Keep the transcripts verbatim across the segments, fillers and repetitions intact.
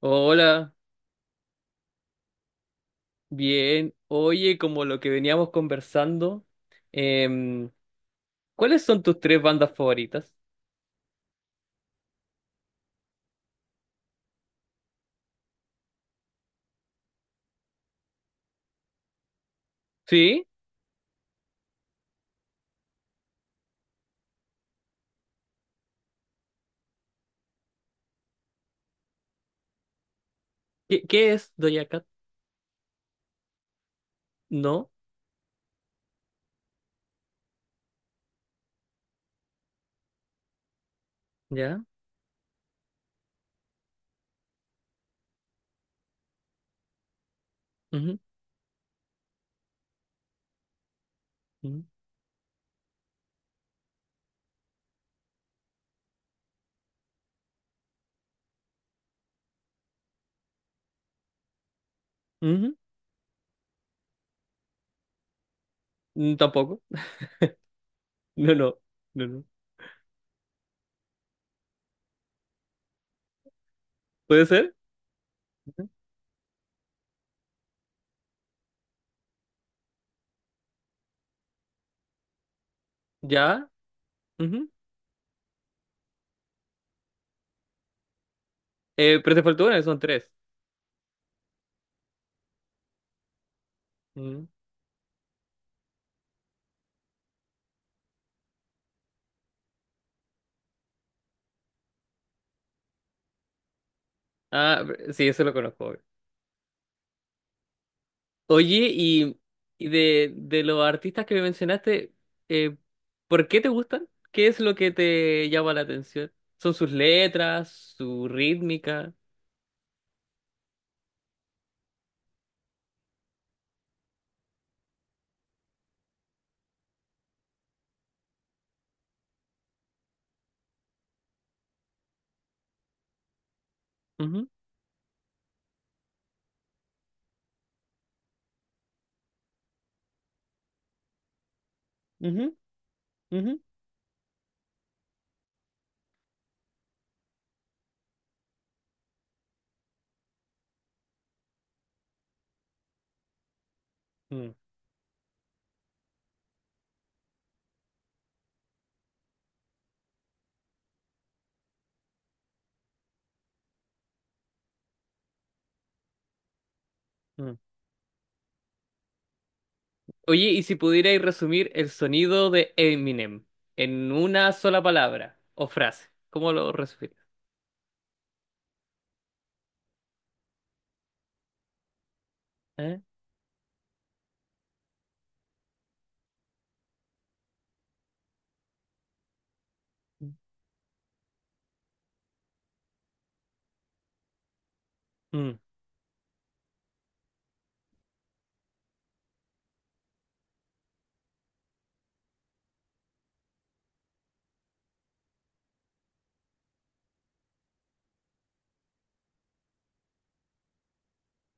Hola, bien. Oye, como lo que veníamos conversando, em, ¿cuáles son tus tres bandas favoritas? ¿Sí? ¿Qué, qué es Doja Cat? No, ya. Ujú, ujú, ujú. Mm, tampoco. No, no, no, no. ¿Puede ser? Ujú. ¿Ya? Ujú. Eh, pero te faltó una, son tres. Ujú. Ah, sí, eso lo conozco. Oye, y, y de, de los artistas que me mencionaste, eh, ¿por qué te gustan? ¿Qué es lo que te llama la atención? ¿Son sus letras, su rítmica? Ujú, ujú, ujú, mm, mm. Oye, y si pudierais resumir el sonido de Eminem en una sola palabra o frase, ¿cómo lo resumirías? ¿Eh? Mm,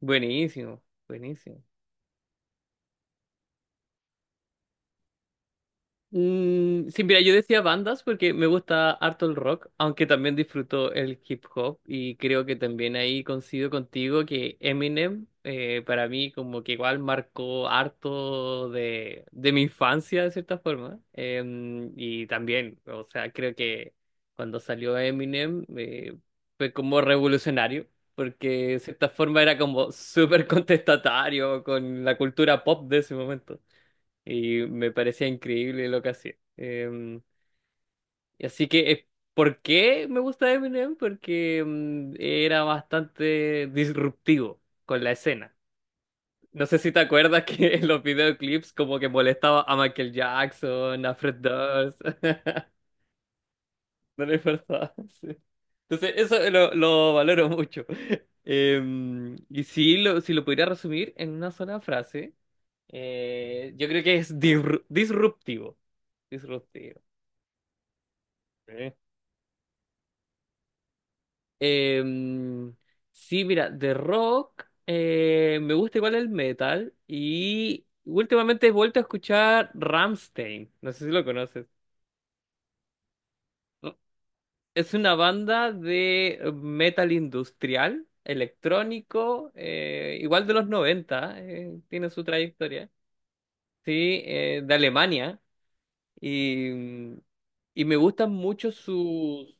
buenísimo, buenísimo. Mm, sí, mira, yo decía bandas porque me gusta harto el rock, aunque también disfruto el hip hop y creo que también ahí coincido contigo que Eminem eh, para mí como que igual marcó harto de, de mi infancia de cierta forma. Em, y también, o sea, creo que cuando salió Eminem eh, fue como revolucionario. Porque de cierta forma era como súper contestatario con la cultura pop de ese momento y me parecía increíble lo que hacía. Em, y así que, eh, ¿por qué me gusta Eminem? Porque em, era bastante disruptivo con la escena. No sé si te acuerdas que en los videoclips como que molestaba a Michael Jackson, a Fred Durst, no le importaba. Sí. Entonces, eso lo, lo valoro mucho. Em, y si lo, si lo pudiera resumir en una sola frase, eh, yo creo que es disru- disruptivo. Disruptivo. Sí. Em, sí, mira, de rock eh, me gusta igual el metal y últimamente he vuelto a escuchar Ramstein. No sé si lo conoces. Es una banda de metal industrial, electrónico, eh, igual de los noventa eh, tiene su trayectoria, sí, eh, de Alemania y, mm, y me gustan mucho sus...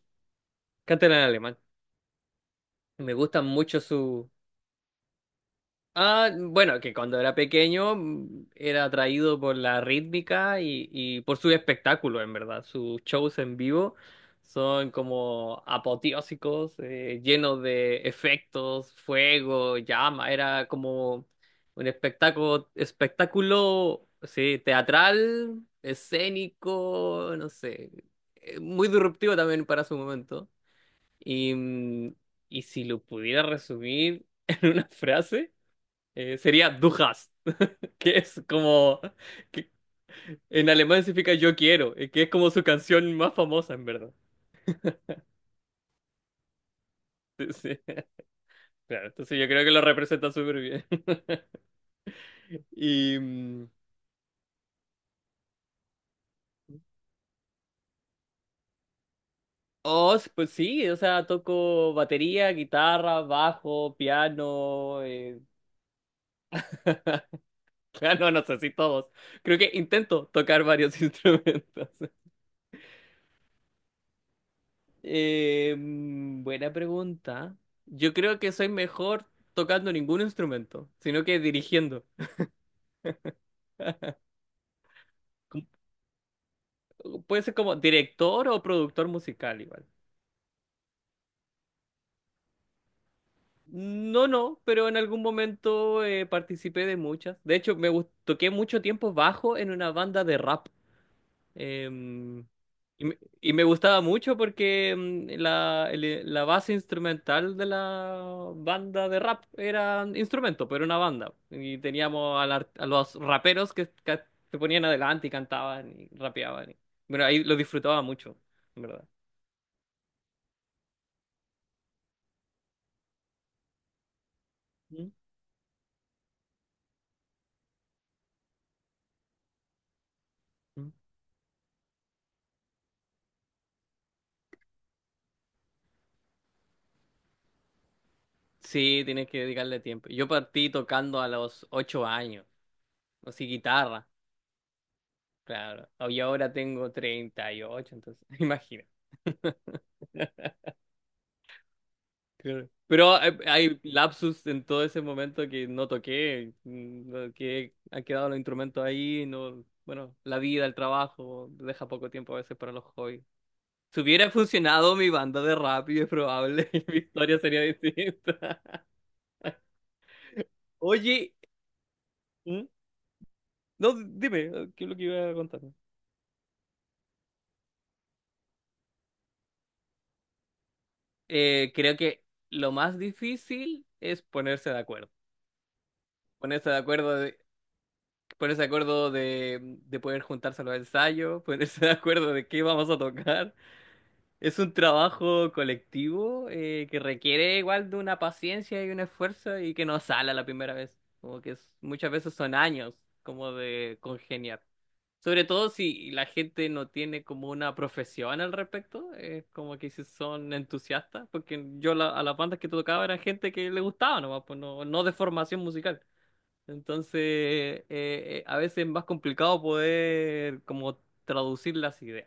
Cantan en alemán. Me gustan mucho sus. Ah, bueno, que cuando era pequeño mm, era atraído por la rítmica y, y por su espectáculo, en verdad. Sus shows en vivo son como apoteósicos, eh, llenos de efectos, fuego, llama. Era como un espectáculo, espectáculo, sí, teatral, escénico, no sé, eh, muy disruptivo también para su momento. Y, mm, y si lo pudiera resumir en una frase eh, sería Du hast, que es como, que en alemán significa yo quiero, eh, que es como su canción más famosa en verdad. Sí, sí. Claro, entonces yo creo que lo representa súper bien. Y, mm, oh, s- pues sí, o sea, toco batería, guitarra, bajo, piano, eh, piano, no sé si todos. Creo que intento tocar varios instrumentos. Eh, mm, buena pregunta. Yo creo que soy mejor tocando ningún instrumento, sino que dirigiendo. Com- Puede ser como director o productor musical igual. No, no, pero en algún momento eh, participé de muchas. De hecho, me gust- toqué mucho tiempo bajo en una banda de rap. Em, y, me y me gustaba mucho porque em, la, el- la base instrumental de la banda de rap era instrumento, pero una banda. Y teníamos a, la- a los raperos que, que se ponían adelante y cantaban y rapeaban. y- bueno, ahí lo disfrutaba mucho, en verdad. Mm. Mm. Sí, tienes que dedicarle tiempo. Yo partí tocando a los ocho años, así guitarra, claro. Y ahora tengo treinta y ocho, entonces, imagina. Claro. Pero hay, hay lapsus en todo ese momento que no toqué, mm, no, que han quedado los instrumentos ahí, no, bueno, la vida, el trabajo, deja poco tiempo a veces para los hobbies. Si hubiera funcionado mi banda de rap, y es probable, mi historia sería distinta. Oye, ¿Mm? No, dime, ¿qué es lo que iba a contar? Eh, creo que lo más difícil es ponerse de acuerdo. Ponerse de acuerdo de, ponerse de acuerdo de, de poder juntarse a los ensayos, ponerse de acuerdo de qué vamos a tocar. Es un trabajo colectivo eh, que requiere igual de una paciencia y un esfuerzo y que no sale a la primera vez. Como que es- muchas veces son años como de congeniar. Sobre todo si la gente no tiene como una profesión al respecto, eh, como que si son entusiastas, porque yo la- a las bandas que tocaba era gente que le gustaba nomás, pues no, no de formación musical. Entonces, eh, eh, a veces es más complicado poder como traducir las ideas.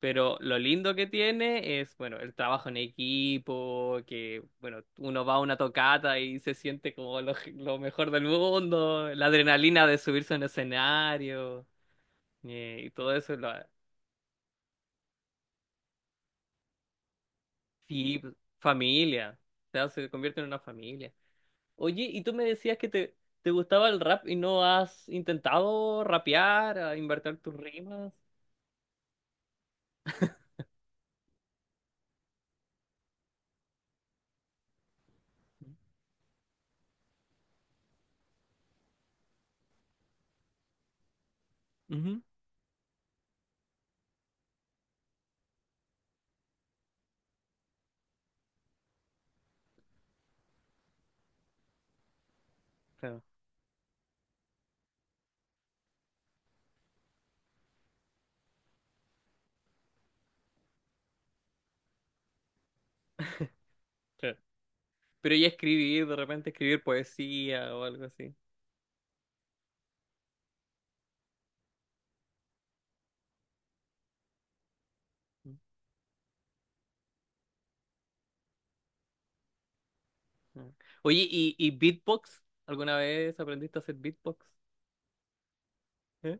Pero lo lindo que tiene es, bueno, el trabajo en equipo, que, bueno, uno va a una tocata y se siente como lo, lo mejor del mundo, la adrenalina de subirse a un escenario, eh, y todo eso, la, sí, familia, o sea, se convierte en una familia. Oye, y tú me decías que te, te gustaba el rap y no has intentado rapear, a invertir tus rimas. Ujú. Claro, claro. Pero ya escribir, de repente escribir poesía o algo así. Ujú. Oye, ¿y, y beatbox? ¿Alguna vez aprendiste a hacer beatbox? ¿Eh?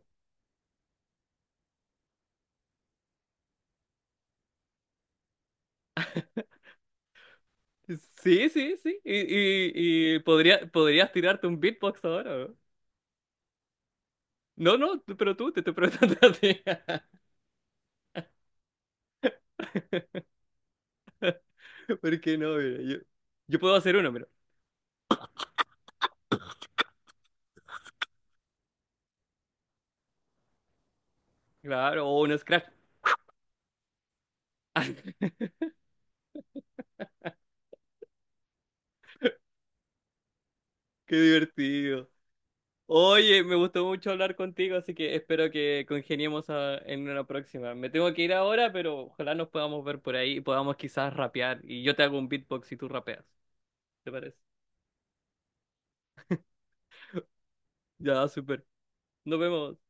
Sí, sí, sí. Y, y, y podría, podrías tirarte un beatbox ahora. No, no, tú- pero tú te estoy preguntando a ti. ¿Por qué no? Mira, yo, yo puedo hacer uno, pero. Claro, o un scratch. Qué divertido. Oye, me gustó mucho hablar contigo, así que espero que congeniemos a- en una próxima. Me tengo que ir ahora, pero ojalá nos podamos ver por ahí y podamos quizás rapear. Y yo te hago un beatbox y tú rapeas. ¿Te parece? Ya, súper. Nos vemos.